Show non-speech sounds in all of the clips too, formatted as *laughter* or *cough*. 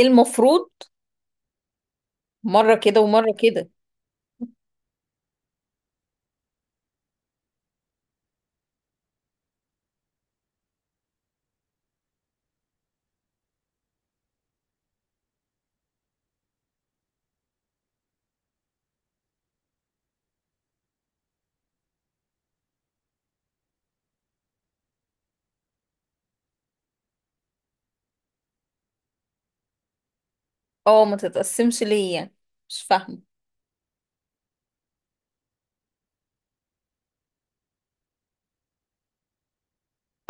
المفروض، مرة كده ومرة كده. اه، ما تتقسمش ليه يعني؟ مش فاهمة.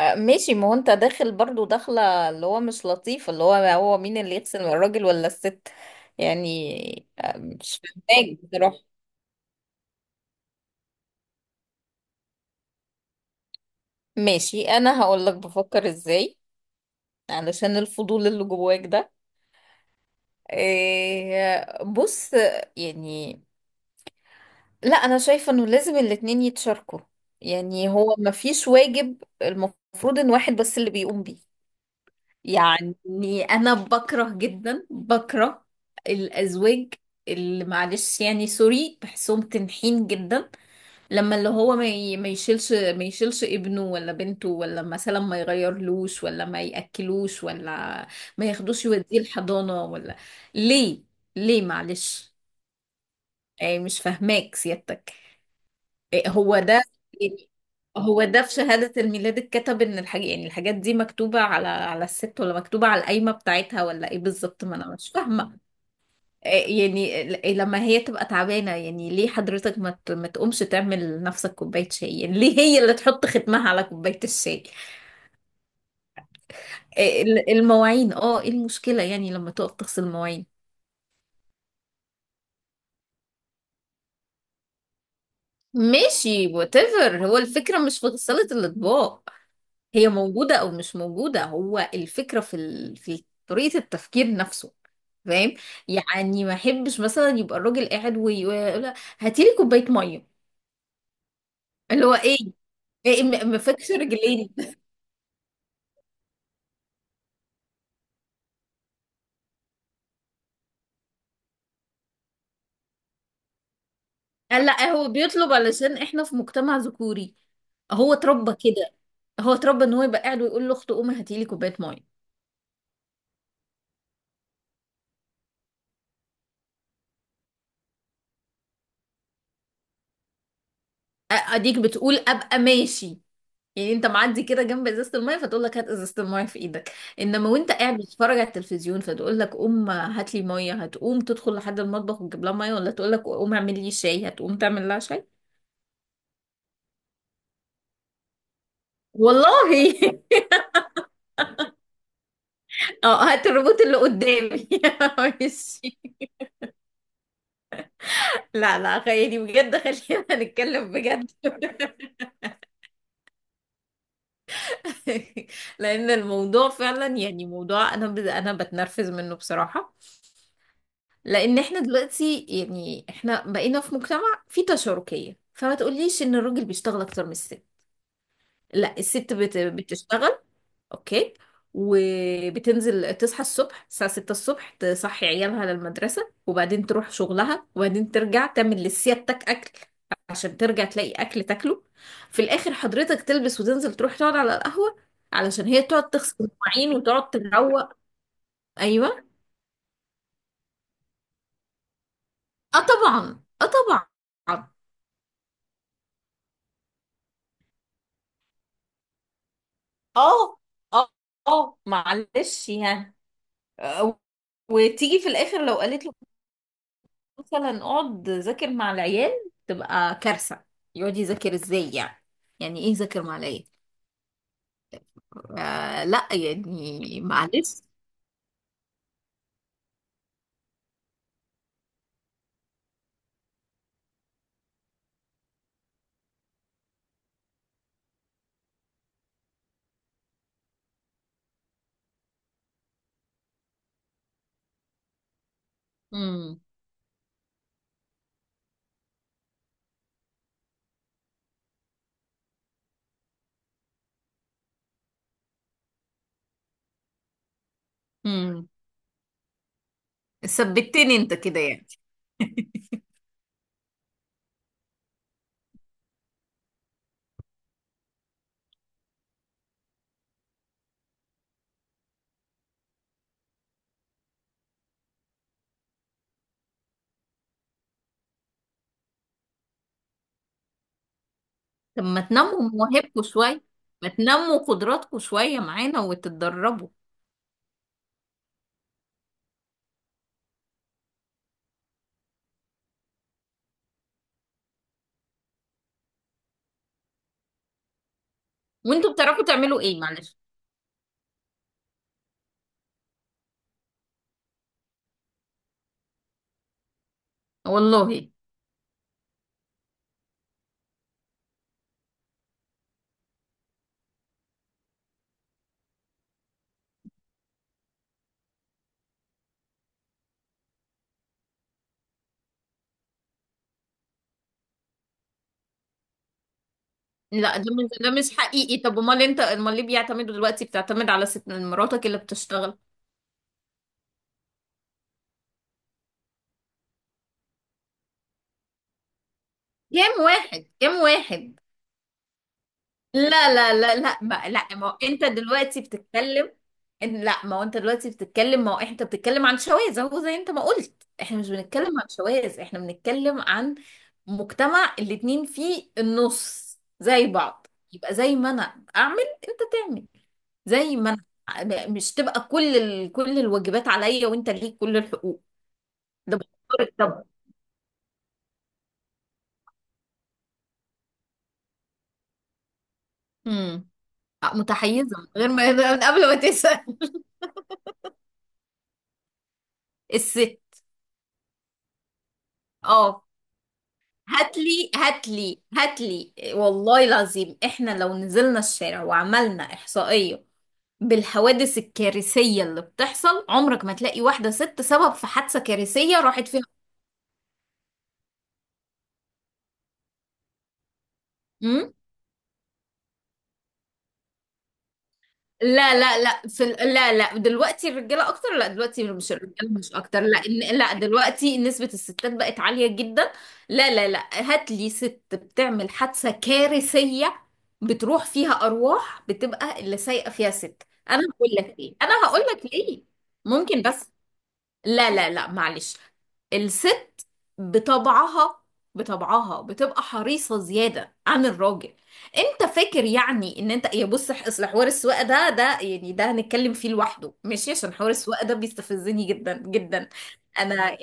آه، ماشي. ما هو انت داخل برضو داخلة، اللي هو مش لطيف، اللي هو مين اللي يغسل، الراجل ولا الست؟ يعني مش فاهماك بصراحة. ماشي، انا هقولك بفكر ازاي، علشان الفضول اللي جواك ده. إيه، بص، يعني لا، انا شايفه انه لازم الاتنين يتشاركوا. يعني هو مفيش واجب المفروض ان واحد بس اللي بيقوم بيه. يعني انا بكره جدا، بكره الازواج اللي، معلش يعني سوري، بحسهم تنحين جدا، لما اللي هو ما يشيلش ابنه ولا بنته، ولا مثلا ما يغيرلوش ولا ما ياكلوش ولا ما ياخدوش يوديه الحضانة ولا. ليه؟ ليه معلش. يعني مش فاهماك سيادتك. إيه هو ده؟ يعني هو ده في شهادة الميلاد اتكتب ان الحاجة، يعني الحاجات دي مكتوبة على الست، ولا مكتوبة على القايمة بتاعتها، ولا ايه بالظبط؟ ما انا مش فاهمة. إيه يعني لما هي تبقى تعبانة، يعني ليه حضرتك ما تقومش تعمل نفسك كوباية شاي؟ يعني ليه هي اللي تحط ختمها على كوباية الشاي؟ إيه المواعين، اه ايه المشكلة يعني لما تقف تغسل مواعين؟ ماشي whatever، هو الفكرة مش في غسالة الأطباق، هي موجودة أو مش موجودة، هو الفكرة في طريقة التفكير نفسه، فاهم؟ يعني ما أحبش مثلا يبقى الراجل قاعد ويقول هاتي لي كوباية مية، اللي هو إيه، ما فاتش رجلين؟ *laughs* قال لا، هو بيطلب علشان إحنا في مجتمع ذكوري، هو اتربى كده. هو اتربى إن هو يبقى قاعد ويقول لأخته قومي هاتي لي كوباية مية. أديك بتقول أبقى ماشي، يعني انت معدي كده جنب ازازه الميه فتقول لك هات ازازه الميه في ايدك. انما وانت قاعد بتتفرج على التلفزيون فتقول لك قوم هات لي ميه، هتقوم تدخل لحد المطبخ وتجيب لها ميه؟ ولا تقول لك قوم اعمل لي شاي، هتقوم تعمل لها شاي؟ والله. *laughs* اه، هات الروبوت اللي قدامي. *laughs* ماشي. لا لا، خليني بجد، خلينا نتكلم بجد. *laughs* لان الموضوع فعلا يعني موضوع، انا انا بتنرفز منه بصراحه. لان احنا دلوقتي، يعني احنا بقينا في مجتمع فيه تشاركية، فما تقوليش ان الراجل بيشتغل اكتر من الست. لا، الست بتشتغل. اوكي. وبتنزل تصحى الصبح الساعة 6 الصبح، تصحي عيالها للمدرسة، وبعدين تروح شغلها، وبعدين ترجع تعمل لسيادتك أكل عشان ترجع تلاقي أكل تاكله. في الآخر حضرتك تلبس وتنزل تروح تقعد على القهوة، علشان هي تقعد تغسل المواعين وتقعد تروق. أيوه. اه طبعا، اه طبعا. اه اه اه، معلش يعني. آه، وتيجي في الاخر لو قالت له مثلا اقعد ذاكر مع العيال، تبقى كارثة. يقعد يذاكر ازاي يعني؟ يعني ايه ذاكر مع العيال؟ آه لا يعني معلش. امم امم ثبتني انت كده يعني؟ طب ما تنموا مواهبكم شوية، ما تنموا قدراتكم شوية معانا وتتدربوا. وانتوا بتعرفوا تعملوا ايه؟ معلش. والله. لا، ده مش حقيقي. طب امال انت، امال ليه بيعتمدوا دلوقتي بتعتمد على ست مراتك اللي بتشتغل؟ كام واحد؟ كام واحد؟ لا لا لا لا، ما هو انت دلوقتي بتتكلم. ان لا ما هو انت دلوقتي بتتكلم، ما هو انت بتتكلم عن شواذ. اهو زي انت ما قلت، احنا مش بنتكلم عن شواذ، احنا بنتكلم عن مجتمع الاتنين فيه النص، زي بعض. يبقى زي ما انا اعمل، انت تعمل. زي ما انا، مش تبقى كل الواجبات عليا وانت ليك كل الحقوق. ده بيفكرك طب؟ امم متحيزة من قبل ما تسأل. *laughs* الست. اه. هاتلي هاتلي هاتلي، والله العظيم احنا لو نزلنا الشارع وعملنا إحصائية بالحوادث الكارثية اللي بتحصل، عمرك ما تلاقي واحدة ست سبب في حادثة كارثية راحت فيها. مم؟ لا لا لا، لا لا، دلوقتي الرجاله اكتر. لا، دلوقتي مش الرجاله مش اكتر. لا، لا، دلوقتي نسبه الستات بقت عاليه جدا. لا لا لا، هات لي ست بتعمل حادثه كارثيه، بتروح فيها ارواح، بتبقى اللي سايقه فيها ست. انا هقول لك ليه، انا هقول لك ليه، ممكن بس. لا لا لا، معلش. الست بطبعها، بطبعها بتبقى حريصة زيادة عن الراجل. انت فاكر يعني ان انت، يا بص اصل حوار السواقة ده يعني ده هنتكلم فيه لوحده ماشي، عشان حوار السواقة ده بيستفزني جدا جدا. انا،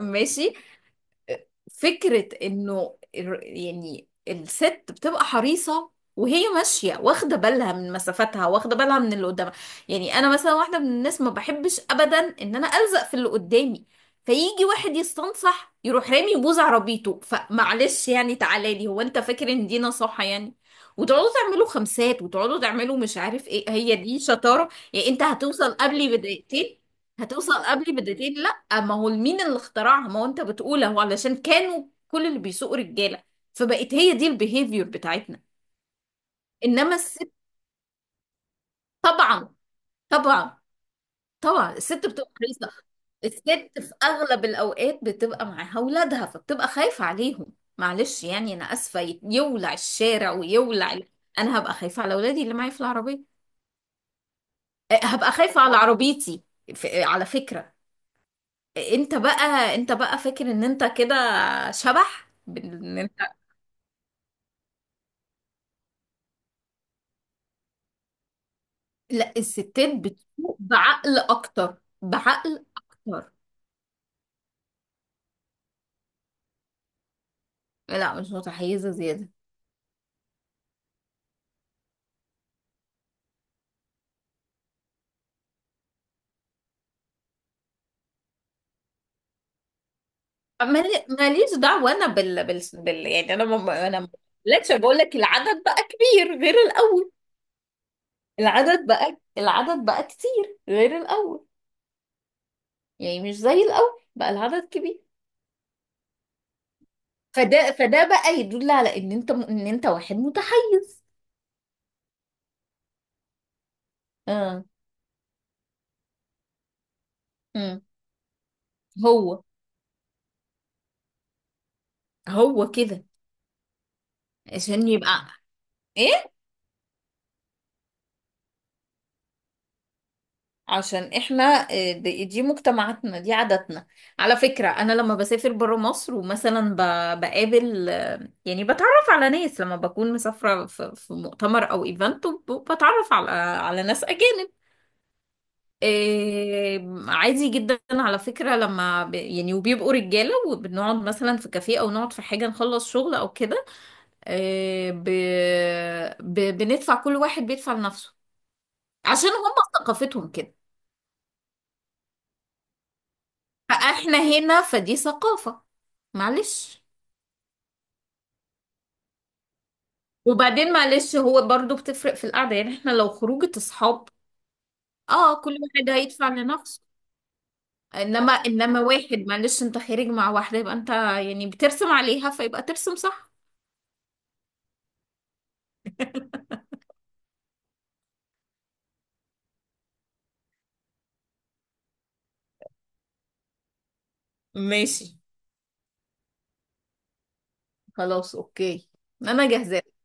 ماشي. فكرة انه يعني الست بتبقى حريصة وهي ماشية، واخدة بالها من مسافتها، واخدة بالها من اللي قدامها. يعني انا مثلا واحدة من الناس ما بحبش ابدا ان انا الزق في اللي قدامي، فيجي واحد يستنصح يروح رامي بوز عربيته. فمعلش يعني تعالى لي، هو انت فاكر ان دي نصيحة يعني؟ وتقعدوا تعملوا خمسات، وتقعدوا تعملوا مش عارف ايه، هي دي شطارة يعني؟ انت هتوصل قبلي بدقيقتين، هتوصل قبلي بدقيقتين. اما هو مين اللي اخترعها؟ ما هو انت بتقول اهو، علشان كانوا كل اللي بيسوقوا رجاله، فبقت هي دي البيهيفير بتاعتنا. انما الست. طبعا، طبعا. طبعا الست بتبقى حريصه. الست في اغلب الاوقات بتبقى معاها اولادها، فبتبقى خايفه عليهم. معلش يعني، انا اسفه، يولع الشارع ويولع ال-. انا هبقى خايفه على اولادي اللي معايا في العربيه. أه، هبقى خايفه على عربيتي. على فكره، انت بقى فاكر ان انت كده شبح. ان انت، لا الستات بتسوق بعقل اكتر، بعقل اكتر. لا مش متحيزه زياده. ماليش دعوه. انا يعني انا ما بقولكش، بقول لك العدد بقى كبير غير الاول. العدد بقى كتير غير الاول. يعني مش زي الاول، بقى العدد كبير. فده بقى يدل على ان انت، ان انت واحد متحيز. اه. امم هو هو كده. عشان يبقى ايه؟ عشان احنا دي مجتمعاتنا، دي عاداتنا. على فكرة، انا لما بسافر برا مصر ومثلا بقابل، يعني بتعرف على ناس لما بكون مسافرة في مؤتمر او ايفنت، بتعرف على ناس اجانب. عادي جدا على فكرة، لما يعني وبيبقوا رجالة، وبنقعد مثلا في كافيه او نقعد في حاجة نخلص شغل او كده. بندفع، كل واحد بيدفع لنفسه، عشان هم ثقافتهم كده. فاحنا هنا فدي ثقافة، معلش. وبعدين معلش، هو برضو بتفرق في القعدة، يعني احنا لو خروجة اصحاب، اه كل واحد هيدفع لنفسه. انما واحد معلش، انت خارج مع واحدة يبقى انت يعني بترسم عليها، فيبقى ترسم صح. ماشي، خلاص، اوكي. انا جاهزة.